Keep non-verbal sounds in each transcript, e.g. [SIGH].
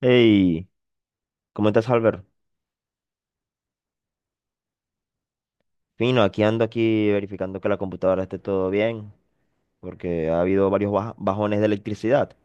Hey, ¿cómo estás, Albert? Fino, aquí ando aquí verificando que la computadora esté todo bien, porque ha habido varios bajones de electricidad.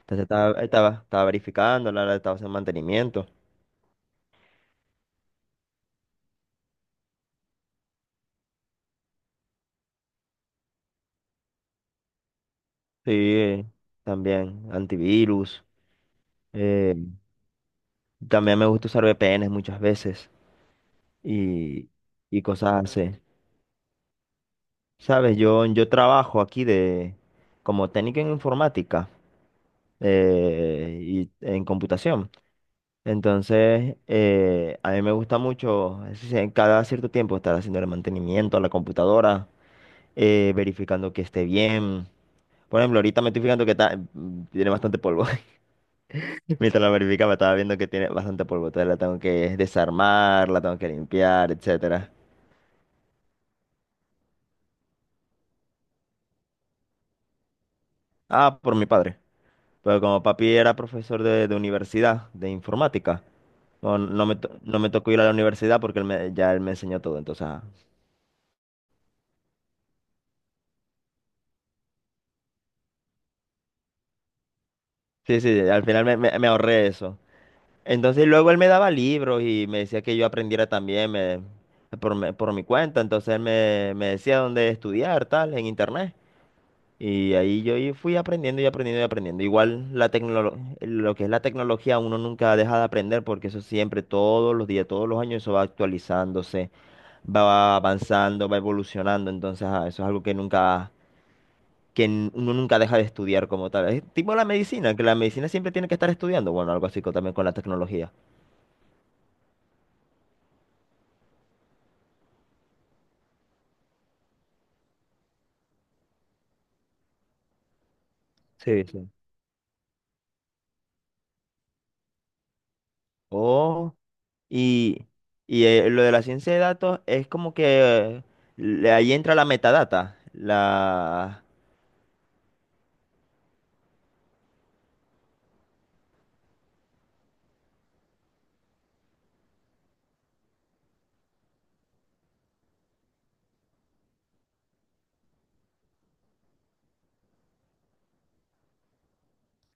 Entonces estaba verificando, la estaba haciendo mantenimiento. Sí, también antivirus. eh, También me gusta usar VPNs muchas veces y, y cosas así. Sabes, yo trabajo aquí de como técnico en informática y en computación. Entonces, a mí me gusta mucho, es decir, en cada cierto tiempo, estar haciendo el mantenimiento a la computadora, verificando que esté bien. Por ejemplo, ahorita me estoy fijando que tiene bastante polvo. [LAUGHS] Mientras la verificaba, estaba viendo que tiene bastante polvo. Entonces la tengo que desarmar, la tengo que limpiar, etcétera. Ah, por mi padre. Pero como papi era profesor de universidad, de informática. No me tocó ir a la universidad porque ya él me enseñó todo. Entonces, ah. Sí, sí, al final me ahorré eso. Entonces luego él me daba libros y me decía que yo aprendiera también por mi cuenta. Entonces me decía dónde estudiar, tal, en internet. Y ahí yo fui aprendiendo y aprendiendo y aprendiendo. Igual la lo que es la tecnología uno nunca deja de aprender porque eso siempre, todos los días, todos los años, eso va actualizándose, va avanzando, va evolucionando. Entonces eso es algo que nunca, que n- uno nunca deja de estudiar como tal. Es tipo la medicina, que la medicina siempre tiene que estar estudiando. Bueno, algo así también con la tecnología. Sí, sí. Oh, y, lo de la ciencia de datos es como que ahí entra la metadata. La,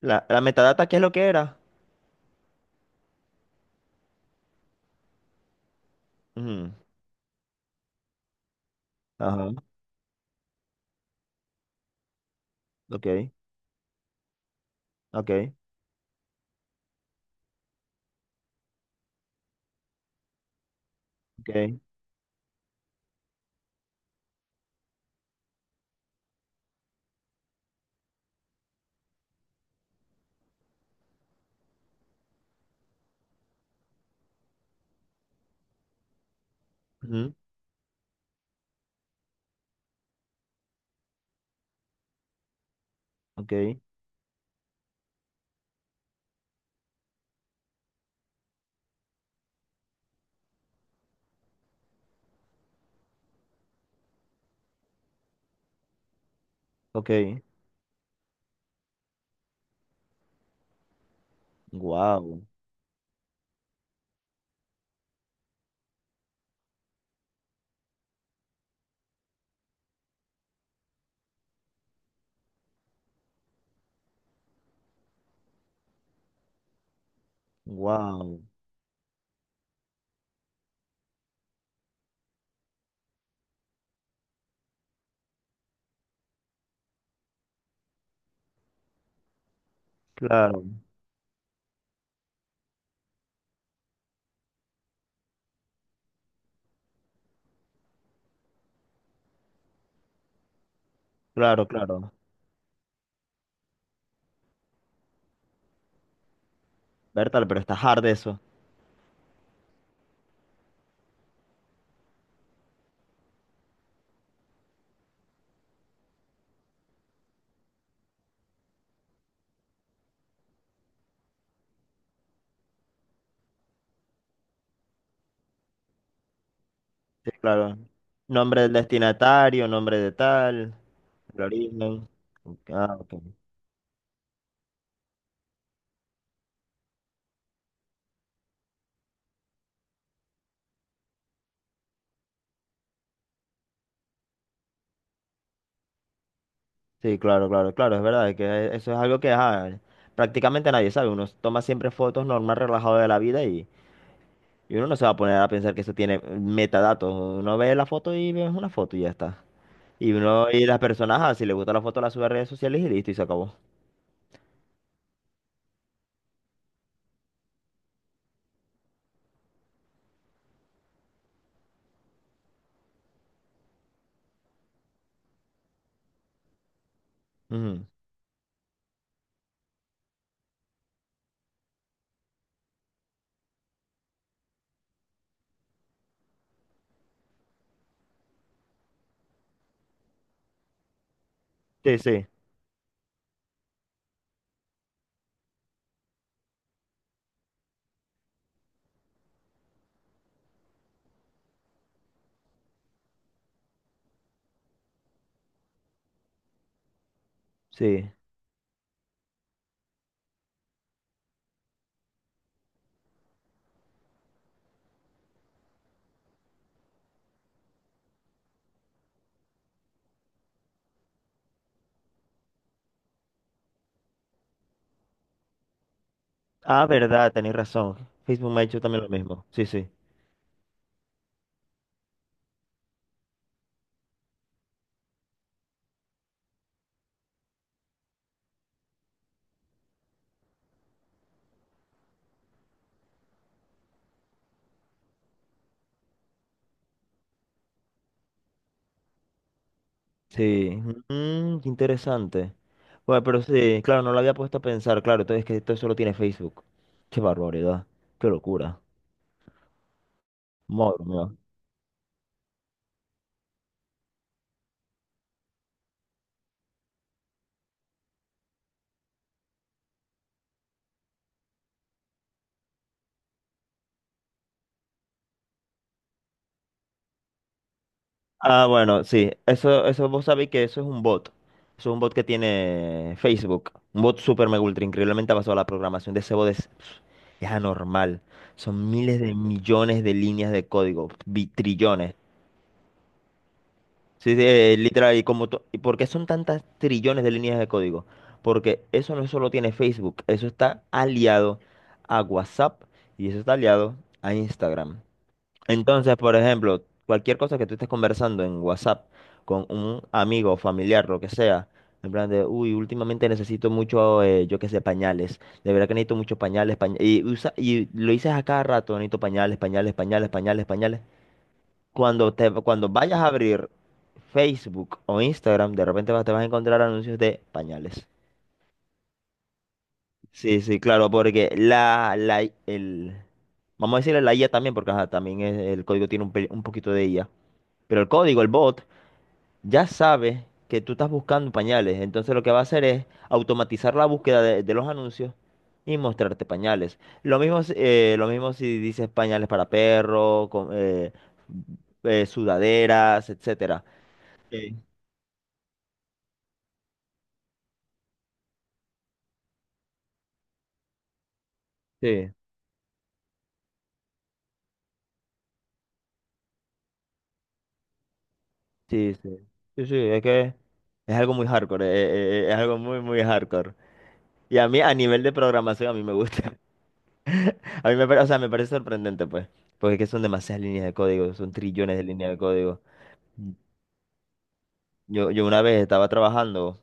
la, La metadata, ¿qué es lo que era? Ujú, ajá, ok, ok, ok, ujú, ok, ok. Wow, wow, claro, claro, claro. Bertal, pero está hard eso. Sí, claro. Nombre del destinatario, nombre de tal, el origen. Ok, ah, ok. Sí, claro, claro, claro, es verdad, que e, eso es algo que ajá, prácticamente nadie sabe. Uno toma siempre fotos normal, relajado de la vida y uno no se va a poner a pensar que eso tiene metadatos. Uno ve la foto y ve una foto y ya está. Y uno y las personas, ajá, si le gusta la foto, la sube a redes sociales y listo, y se acabó. Ujú. Sí, sí, sí. Ah, verdad, tenés razón. Facebook me ha hecho también lo mismo. Sí, sí. Sí, mm, qué interesante. Bueno, pero sí, claro, no lo había puesto a pensar, claro, entonces es que esto solo tiene Facebook. Qué barbaridad, qué locura. Madre mía. Ah, bueno, sí. Eso vos sabéis que eso es un bot. Eso es un bot que tiene Facebook. Un bot super mega ultra increíblemente basado avanzado. La programación de ese bot es anormal. Son miles de millones de líneas de código. Trillones. Sí, sí, literal. Y como ¿Y por qué son tantas trillones de líneas de código? Porque eso no solo tiene Facebook. Eso está aliado a WhatsApp y eso está aliado a Instagram. Entonces, por ejemplo, cualquier cosa que tú estés conversando en WhatsApp con un amigo, familiar, lo que sea, en plan de, uy, últimamente necesito mucho, yo qué sé, pañales. De verdad que necesito muchos pañales, pañales. Y, y lo dices a cada rato, necesito pañales, pañales, pañales, pañales, pañales. Cuando te, cuando vayas a abrir Facebook o Instagram, de repente te vas a encontrar anuncios de pañales. Sí, sí, claro, porque vamos a decirle la IA también, porque ajá, también el código tiene un, un poquito de IA. Pero el código, el bot, ya sabe que tú estás buscando pañales. Entonces lo que va a hacer es automatizar la búsqueda de los anuncios y mostrarte pañales. Lo mismo, lo mismo si dices pañales para perro, con, sudaderas, etcétera. Sí. Sí, sí, sí. Sí, sí, es que es algo muy hardcore, es algo muy, muy hardcore. Y a mí, a nivel de programación, a mí me gusta. [LAUGHS] A mí me parece, o sea, me parece sorprendente, pues. Porque es que son demasiadas líneas de código, son trillones de líneas de código. Yo una vez estaba trabajando,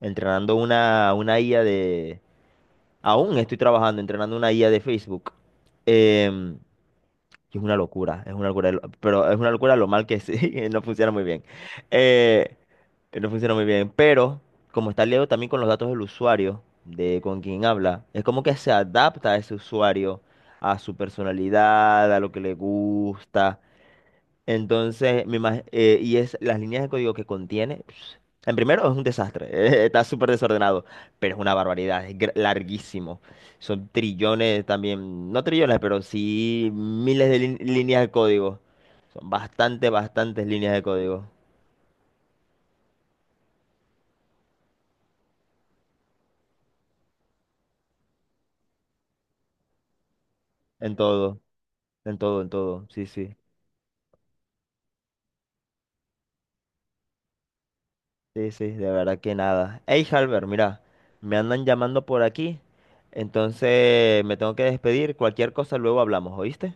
entrenando una IA de... Aún estoy trabajando, entrenando una IA de Facebook. Em, y es una locura, pero es una locura lo mal que sí, [LAUGHS] no funciona muy bien. Eh, no funciona muy bien, pero como está liado también con los datos del usuario, de con quien habla, es como que se adapta a ese usuario, a su personalidad, a lo que le gusta. Entonces, y es las líneas de código que contiene. En primero, es un desastre, [LAUGHS] está súper desordenado, pero es una barbaridad, es larguísimo. Son trillones también, no trillones, pero sí miles de líneas de código. Son bastante, bastantes líneas de código. En todo, en todo, en todo. Sí, sí, sí, sí, de verdad que nada. Hey, Halber, mira, me andan llamando por aquí, entonces me tengo que despedir. Cualquier cosa luego hablamos, ¿oíste?